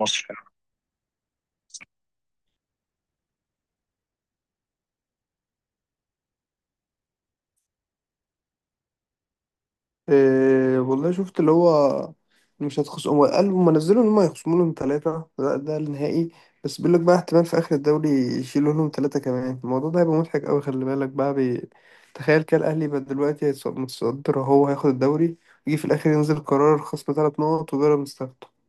مصر يعني. إيه والله شفت اللي هو مش هتخصم. هو قال هم نزلوا ان هم هيخصموا لهم 3. ده النهائي. بس بيقول لك بقى احتمال في اخر الدوري يشيلوا لهم 3 كمان. الموضوع ده هيبقى مضحك قوي. خلي بالك بقى تخيل كده الاهلي بقى دلوقتي متصدر، هو هياخد الدوري، يجي في الاخر ينزل قرار خصم 3 نقط وبيراميدز تاخده.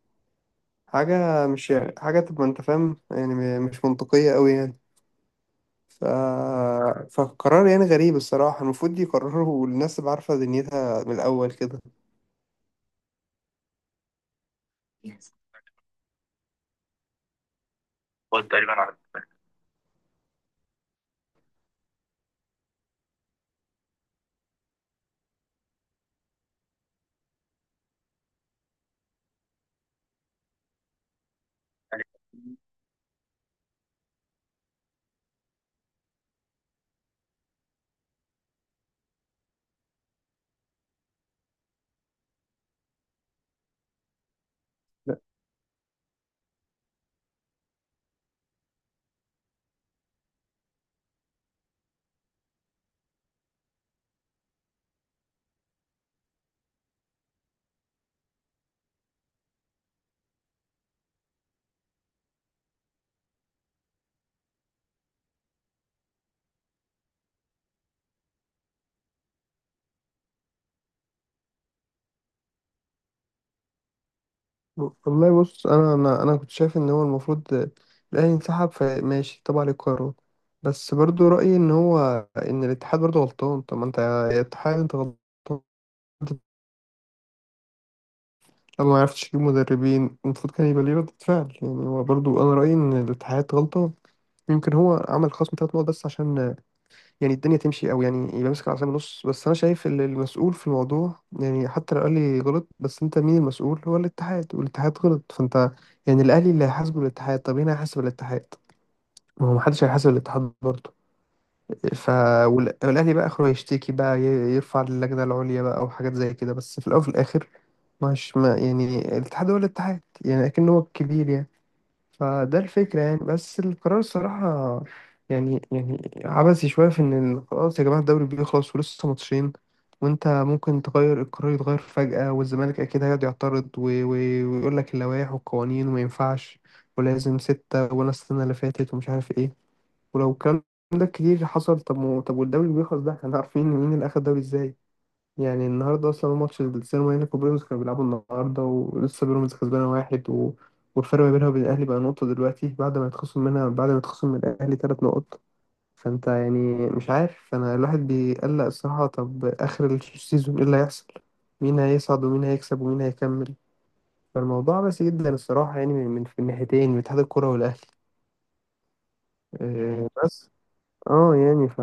حاجة مش يعني حاجة تبقى انت فاهم، يعني مش منطقية قوي يعني. ف... فقرار يعني غريب الصراحة. المفروض يقرروا الناس اللي عارفة دنيتها من الأول كده. هو تقريبا على الأهلي. لا، والله بص، انا كنت شايف ان هو المفروض الاهلي انسحب، فماشي تبع للقرار. بس برضو رايي ان هو ان الاتحاد برضو غلطان. طب ما انت يا اتحاد انت غلطان. لو ما عرفتش تجيب مدربين المفروض كان يبقى ليه ردة فعل. يعني هو برضو انا رايي ان الاتحاد غلطان. يمكن هو عمل خصم 3 نقط بس عشان يعني الدنيا تمشي، او يعني يبقى ماسك العصايه من النص. بس انا شايف ان المسؤول في الموضوع، يعني حتى لو الاهلي غلط، بس انت مين المسؤول؟ هو الاتحاد، والاتحاد غلط. فانت يعني الاهلي اللي هيحاسبه الاتحاد، طب مين هيحاسب الاتحاد؟ ما هو محدش هيحاسب الاتحاد برضه. ف والاهلي بقى اخره يشتكي بقى، يرفع للجنه العليا بقى او حاجات زي كده. بس في الاول وفي الاخر مش ما يعني الاتحاد، هو الاتحاد، يعني اكن هو الكبير يعني. فده الفكرة يعني. بس القرار الصراحة يعني يعني عبثي شوية، في إن خلاص يا جماعة الدوري بيخلص ولسه ماتشين وأنت ممكن تغير القرار، يتغير فجأة، والزمالك أكيد هيقعد يعترض ويقول لك اللوائح والقوانين وما ينفعش، ولازم ستة، ولا السنة اللي فاتت ومش عارف إيه. ولو الكلام ده كتير حصل، طب طب والدوري بيخلص، ده احنا عارفين مين اللي أخد الدوري إزاي. يعني النهارده اصلا هو ماتش السينما، هنا في بيراميدز كانوا بيلعبوا النهارده، ولسه بيراميدز كسبانه 1 والفرق ما بينها وبين الاهلي بقى نقطه دلوقتي بعد ما يتخصم منها، بعد ما يتخصم من الاهلي 3 نقط. فانت يعني مش عارف، انا الواحد بيقلق الصراحه. طب اخر السيزون ايه اللي هيحصل؟ مين هيصعد ومين هيكسب ومين هيكمل؟ فالموضوع بس جدا الصراحه، يعني من في الناحيتين، من اتحاد الكره والاهلي. مم. آه، بس اه يعني ف.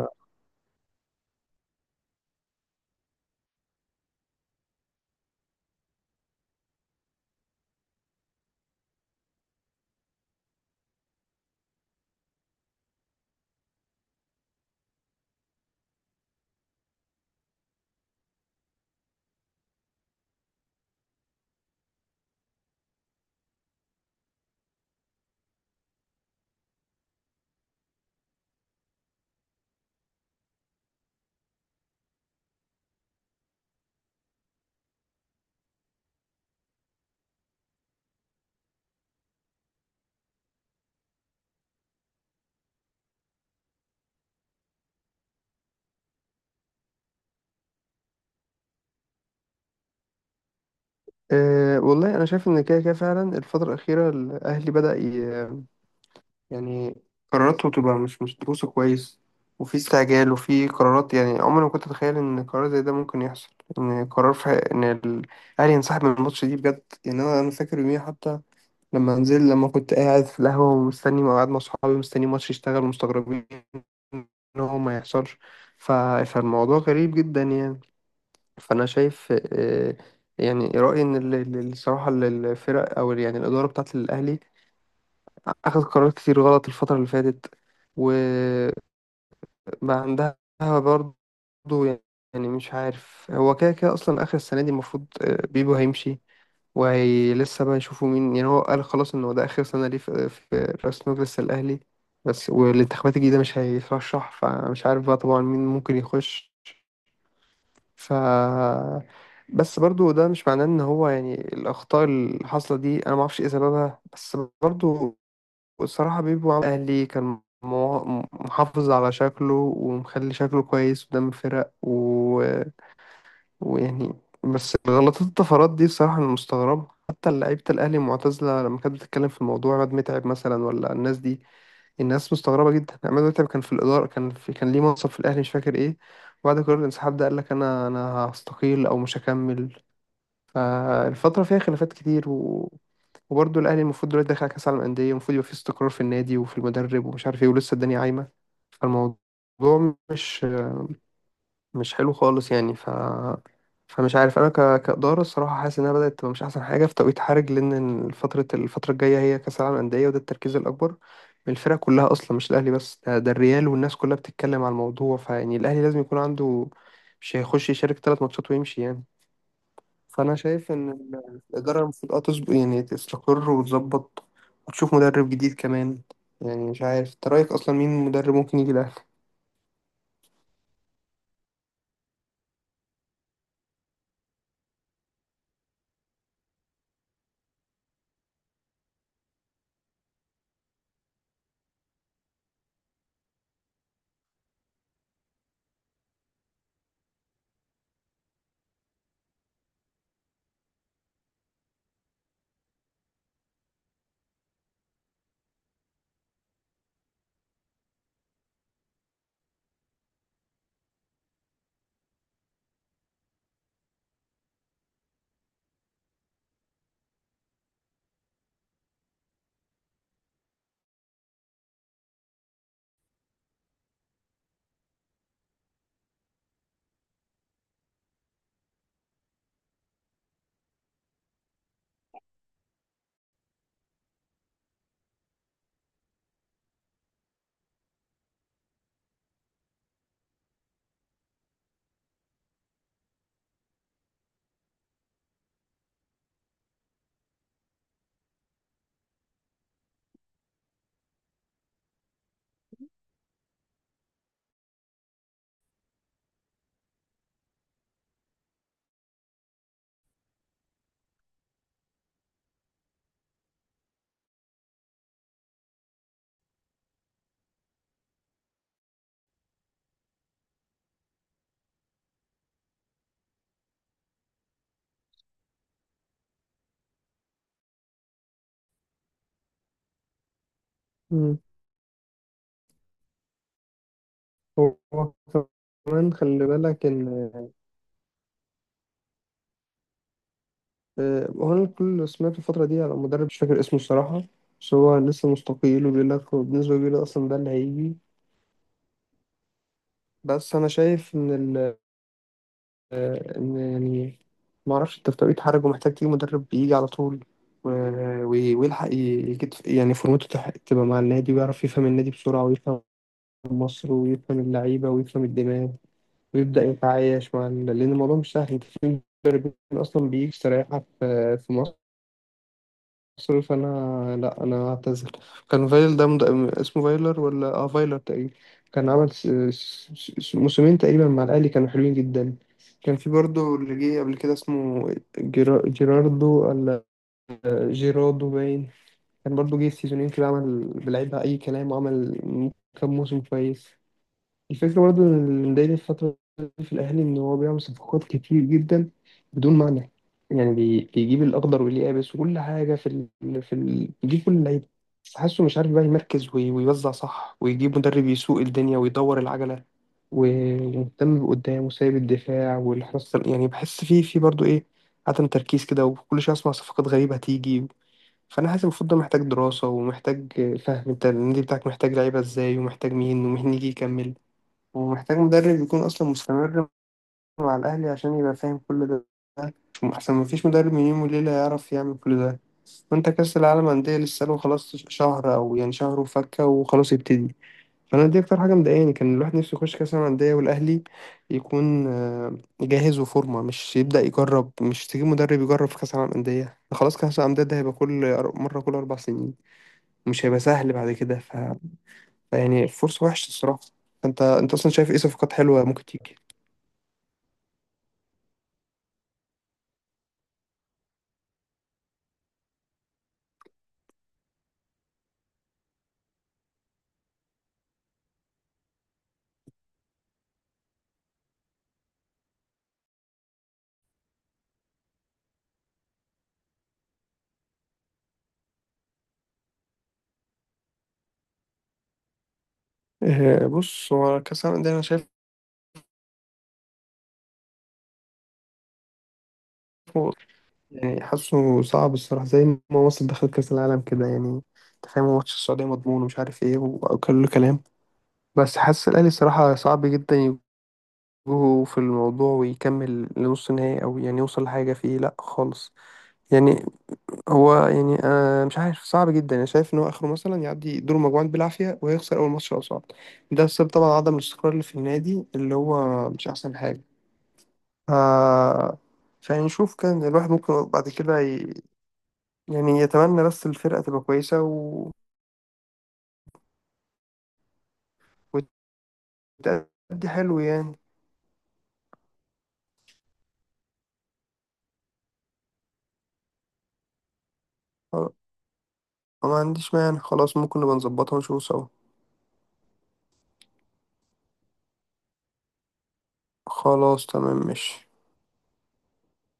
آه، والله انا شايف ان كده كده فعلا الفتره الاخيره الاهلي بدأ يعني قراراته بتبقى مش مدروسة كويس، وفي استعجال وفي قرارات. يعني عمري ما كنت أتخيل إن قرار زي ده ممكن يحصل، إن قرار في إن الأهلي ينسحب من الماتش دي بجد. يعني أنا فاكر يوميها حتى، لما نزل، لما كنت قاعد في القهوة ومستني، قاعد مع أصحابي مستني ماتش يشتغل ومستغربين إن هو ما يحصلش. ف... فالموضوع غريب جدا يعني. فأنا شايف، آه، يعني رأيي إن الصراحة الفرق، أو يعني الإدارة بتاعة الأهلي اخذ قرارات كتير غلط الفترة اللي فاتت، وبقى عندها برضه. يعني مش عارف، هو كده كده اصلا اخر السنة دي المفروض آه، بيبو هيمشي، وهي لسه بقى يشوفوا مين. يعني هو قال خلاص ان هو ده اخر سنة ليه في رئاسة مجلس الاهلي، بس والانتخابات الجديدة مش هيترشح، فمش عارف بقى طبعا مين ممكن يخش. ف، بس برضو ده مش معناه ان هو يعني الاخطاء اللي حاصله دي انا ما اعرفش ايه سببها، بس برضو. والصراحة بيبو عم أهلي كان محافظ على شكله ومخلي شكله كويس قدام الفرق ويعني. بس غلطات الطفرات دي بصراحة أنا مستغربها، حتى لعيبة الأهلي المعتزلة لما كانت بتتكلم في الموضوع، عماد متعب مثلا، ولا الناس دي. الناس مستغربة جدا. عماد متعب كان في الإدارة، كان في، كان ليه منصب في الأهلي مش فاكر إيه. وبعد قرار الانسحاب ده قال لك أنا هستقيل أو مش هكمل. فالفترة فيها خلافات كتير وبرضه الأهلي المفروض دلوقتي داخل على كأس العالم للأندية، المفروض يبقى فيه استقرار في النادي وفي المدرب ومش عارف ايه، ولسه الدنيا عايمة. فالموضوع مش مش حلو خالص يعني. ف فمش عارف أنا كإدارة الصراحة حاسس إنها بدأت تبقى مش أحسن حاجة في توقيت حرج، لأن الفترة الجاية هي كأس العالم للأندية، وده التركيز الأكبر من الفرق كلها أصلا، مش الأهلي بس. ده الريال والناس كلها بتتكلم على الموضوع. فيعني الأهلي لازم يكون عنده، مش هيخش يشارك 3 ماتشات ويمشي يعني. فانا شايف ان الاداره المفروض اه تظبط، يعني تستقر وتظبط، وتشوف مدرب جديد كمان. يعني مش عارف انت رايك اصلا مين مدرب ممكن يجي الاهلي. مم. هو كمان خلي بالك ان آه، هو انا كل اللي سمعته الفترة دي على مدرب مش فاكر اسمه الصراحة، بس هو لسه مستقيل وبيقول لك بالنسبة، بيقول لك اصلا ده اللي هيجي. بس انا شايف ان ال، آه، إن يعني ما أعرفش، أنت في طريقة حرج ومحتاج تجيب مدرب بيجي على طول و- ويلحق يجد يعني فورمته تبقى مع النادي، ويعرف يفهم النادي بسرعة ويفهم مصر ويفهم اللعيبة ويفهم الدماغ ويبدأ يتعايش مع لأن الموضوع مش سهل. أنت في مدربين أصلا بيجي يستريحك في مصر. سوري انا، لا انا هعتذر. كان فايل ده اسمه فايلر، ولا اه فايلر تقريبا. كان عمل موسمين تقريبا مع الاهلي كانوا حلوين جدا. كان في برضه اللي جه قبل كده اسمه جيراردو، ولا جيرادو باين. كان برضه جه سيزونين كده عمل بلعبها اي كلام، وعمل كام موسم كويس. الفكرة برضه إن اللي مضايقني الفترة دي في الأهلي إن هو بيعمل صفقات كتير جدا بدون معنى. يعني بيجيب الأخضر واليابس وكل حاجة في بيجيب كل اللعيبة. بس حاسه مش عارف بقى يمركز ويوزع صح، ويجيب مدرب يسوق الدنيا ويدور العجلة، و- ومهتم بقدام وسايب الدفاع والحراسة. يعني بحس فيه في برضه إيه، عدم تركيز كده، وكل شوية أسمع صفقات غريبة هتيجي. فأنا حاسس المفروض ده محتاج دراسة ومحتاج فهم، أنت النادي بتاعك محتاج لعيبة إزاي ومحتاج مين، ومين يجي يكمل، ومحتاج مدرب يكون أصلا مستمر مع الأهلي عشان يبقى فاهم كل ده. أحسن مفيش مدرب من يوم وليلة يعرف يعمل كل ده. وأنت كأس العالم أندية لسه له خلاص شهر، أو يعني شهر وفكة وخلاص يبتدي. فأنا دي أكتر حاجة مضايقاني. كان الواحد نفسه يخش كأس العالم أندية والأهلي يكون آه، جاهز وفورمة، مش يبدأ يجرب. مش تجيب مدرب يجرب في كأس العالم أندية. خلاص كأس العالم أندية ده هيبقى مرة كل 4 سنين، مش هيبقى سهل بعد كده. فيعني فرصة وحشة الصراحة. انت اصلا شايف ايه صفقات حلوه ممكن تيجي؟ آه، بص هو كأس العالم ده أنا شايفه يعني حاسه صعب الصراحة، زي ما مصر دخلت كأس العالم كده يعني. أنت فاهم هو ماتش السعودية مضمون ومش عارف إيه وكل كلام. بس حاسس الأهلي الصراحة صعب جدا يجوه في الموضوع ويكمل لنص نهائي، أو يعني يوصل لحاجة فيه لأ خالص يعني. هو يعني أنا مش عارف، صعب جدا. أنا شايف إن هو آخره مثلا يعدي دور المجموعات بالعافية ويخسر أول ماتش لو صعد. ده بسبب طبعا عدم الاستقرار اللي في النادي، اللي هو مش أحسن حاجة. آه، فنشوف. كان الواحد ممكن بعد كده يعني يتمنى بس الفرقة تبقى كويسة وتأدي حلو يعني. خلاص، ما عنديش مانع. خلاص ممكن نبقى نظبطها ونشوف سوا. خلاص تمام ماشي.